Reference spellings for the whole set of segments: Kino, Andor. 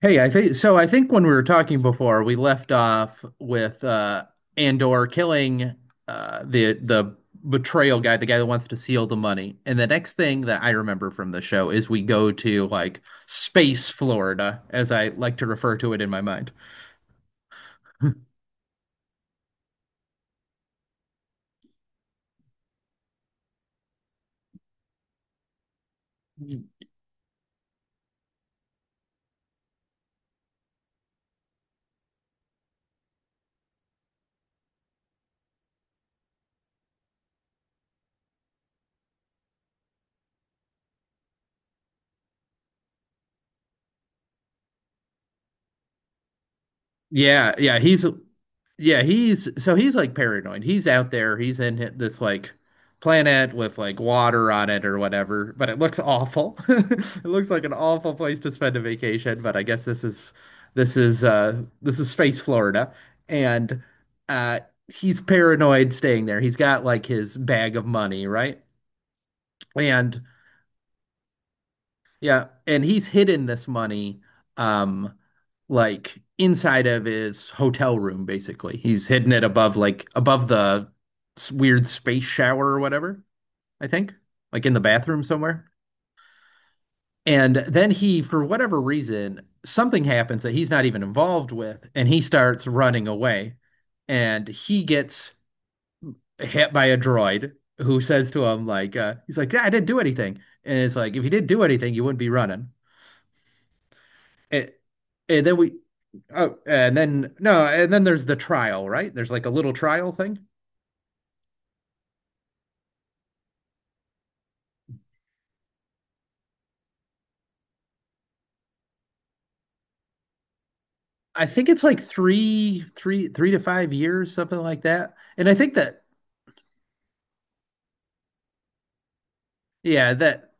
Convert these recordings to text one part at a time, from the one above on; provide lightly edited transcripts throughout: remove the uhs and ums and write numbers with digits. Hey, I think so. I think when we were talking before, we left off with Andor killing the betrayal guy, the guy that wants to steal the money. And the next thing that I remember from the show is we go to like space Florida, as I like to refer to it in my mind. Yeah, yeah, he's like paranoid. He's out there. He's in this like planet with like water on it or whatever, but it looks awful. It looks like an awful place to spend a vacation, but I guess this is space Florida and uh he's paranoid staying there. He's got like his bag of money, right? And yeah, and he's hidden this money, um, like inside of his hotel room, basically. He's hidden it above, like above the weird space shower or whatever, I think, like in the bathroom somewhere. And then he, for whatever reason, something happens that he's not even involved with, and he starts running away. And he gets hit by a droid who says to him, like, he's like, "Yeah, I didn't do anything." And it's like, if you didn't do anything, you wouldn't be running. It, and then we Oh, and then no, and then there's the trial, right? There's like a little trial thing. I think it's like 3 to 5 years, something like that. And I think that, yeah, that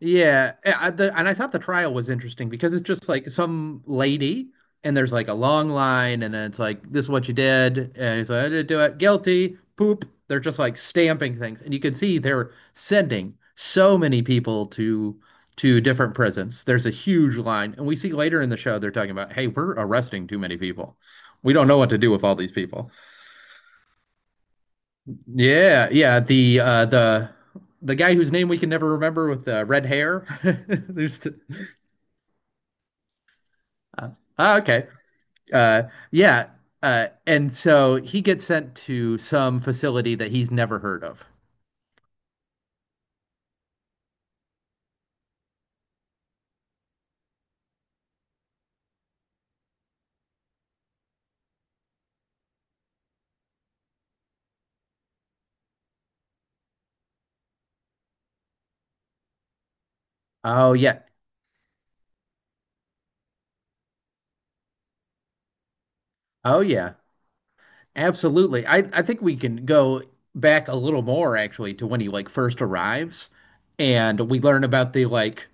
Yeah. I thought the trial was interesting because it's just like some lady, and there's like a long line, and then it's like, this is what you did. And he's like, I didn't do it. Guilty. Poop. They're just like stamping things. And you can see they're sending so many people to different prisons. There's a huge line. And we see later in the show they're talking about, hey, we're arresting too many people. We don't know what to do with all these people. Yeah, yeah. The guy whose name we can never remember with the red hair. There's Uh, oh, okay. Uh, yeah. And so he gets sent to some facility that he's never heard of. Oh, yeah. Oh, yeah. Absolutely. I think we can go back a little more actually to when he like first arrives and we learn about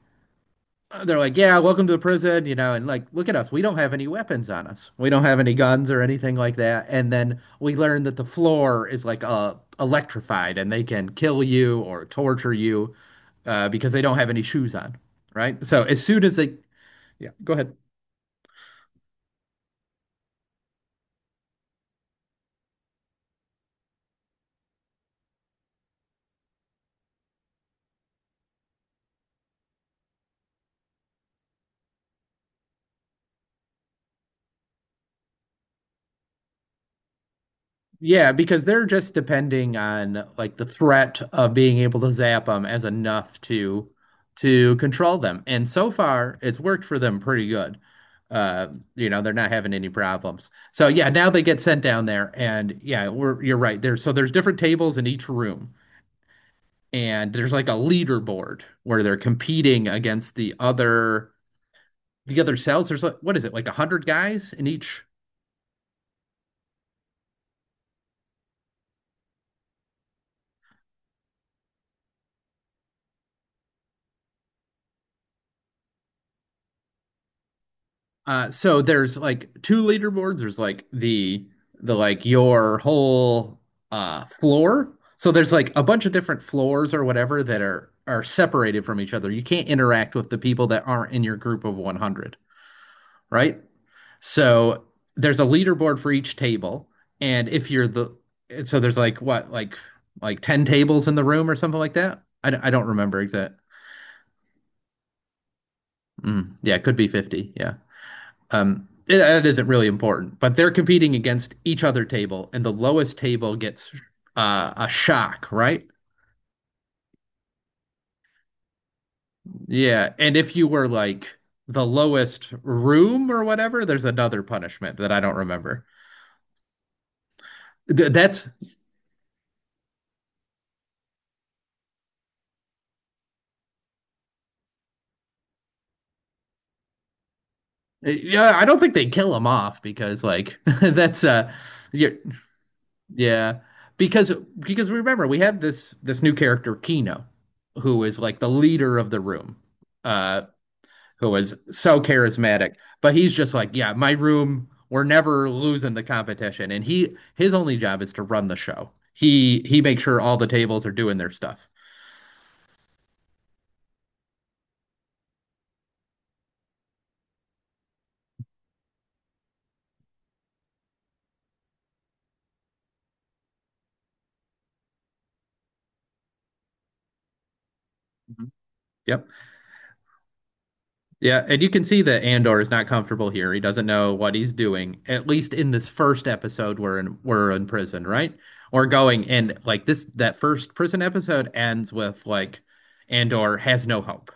they're like, yeah, welcome to the prison, and like, look at us. We don't have any weapons on us. We don't have any guns or anything like that. And then we learn that the floor is like electrified and they can kill you or torture you because they don't have any shoes on, right? So as soon as they, yeah, go ahead. Yeah, because they're just depending on like the threat of being able to zap them as enough to control them. And so far, it's worked for them pretty good. Uh, they're not having any problems. So yeah, now they get sent down there and yeah, we're you're right. There's so there's different tables in each room and there's like a leaderboard where they're competing against the other cells. There's like what is it? Like 100 guys in each. So there's like two leaderboards. There's like the like your whole floor. So there's like a bunch of different floors or whatever that are separated from each other. You can't interact with the people that aren't in your group of 100, right? So there's a leaderboard for each table, and if you're the so there's like what like 10 tables in the room or something like that. I don't remember exact. Mm, yeah, it could be 50. Yeah. That isn't really important, but they're competing against each other table, and the lowest table gets a shock, right? Yeah, and if you were like the lowest room or whatever, there's another punishment that I don't remember. Th- that's yeah, I don't think they kill him off because like you're, yeah, because remember we have this new character Kino who is like the leader of the room. Uh who is so charismatic. But he's just like, yeah, my room, we're never losing the competition. And he his only job is to run the show. He makes sure all the tables are doing their stuff. Mhm. Yep. Yeah, and you can see that Andor is not comfortable here. He doesn't know what he's doing, at least in this first episode we're in prison, right? Or going and like this that first prison episode ends with like Andor has no hope.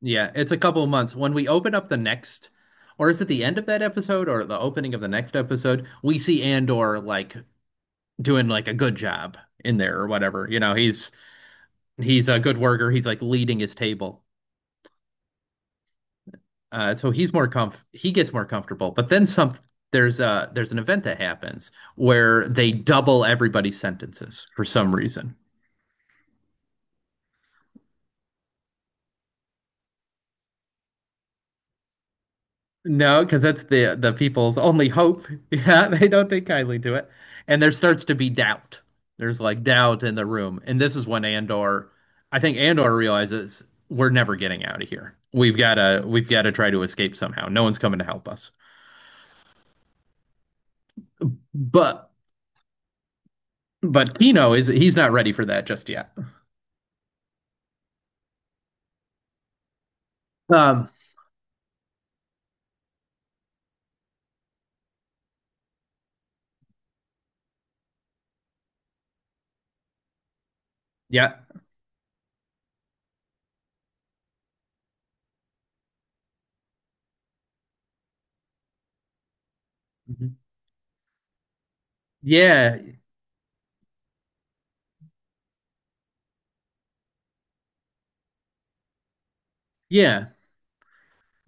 Yeah, it's a couple of months. When we open up the next or is it the end of that episode or the opening of the next episode, we see Andor like doing like a good job in there or whatever. He's a good worker. He's like leading his table. So he gets more comfortable. But then some there's a there's an event that happens where they double everybody's sentences for some reason. No, because that's the people's only hope. Yeah, they don't take kindly to it. And there starts to be doubt. There's like doubt in the room. And this is when I think Andor realizes we're never getting out of here. We've gotta try to escape somehow. No one's coming to help us. But but Kino is he's not ready for that just yet. Um yeah. Mhm. Yeah, yeah.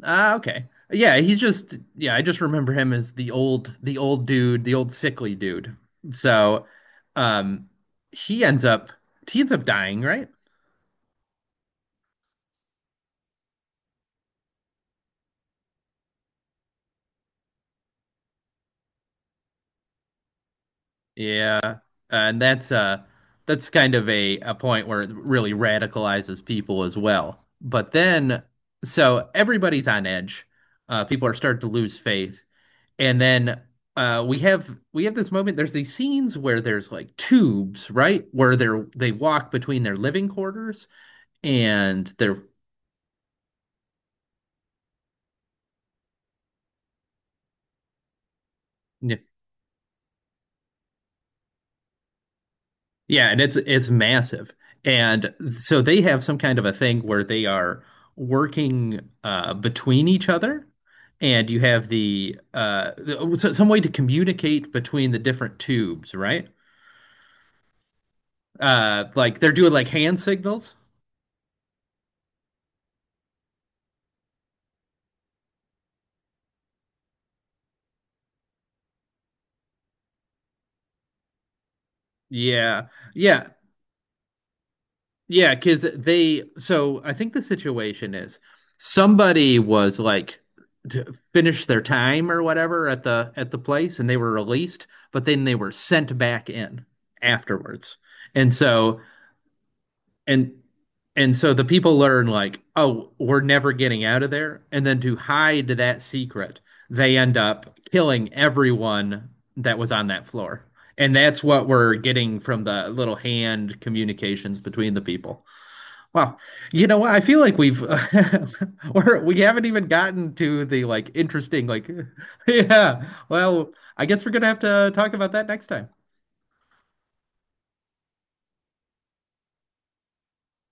Ah, okay. Yeah, I just remember him as the old dude, the old sickly dude. So, um he ends up dying, right? Yeah. And that's kind of a point where it really radicalizes people as well. But then so everybody's on edge. People are starting to lose faith. And then we have this moment. There's these scenes where there's like tubes, right? Where they walk between their living quarters and their yeah, yeah, and it's massive. And so they have some kind of a thing where they are working between each other. And you have some way to communicate between the different tubes, right? Like they're doing like hand signals. Yeah. Yeah. Yeah, because so I think the situation is somebody was like to finish their time or whatever at the place and they were released, but then they were sent back in afterwards. And so and and so the people learn like, oh, we're never getting out of there. And then to hide that secret, they end up killing everyone that was on that floor. And that's what we're getting from the little hand communications between the people. Wow. You know what? I feel like we've or we haven't even gotten to the like interesting like yeah. Well, I guess we're gonna have to talk about that next time.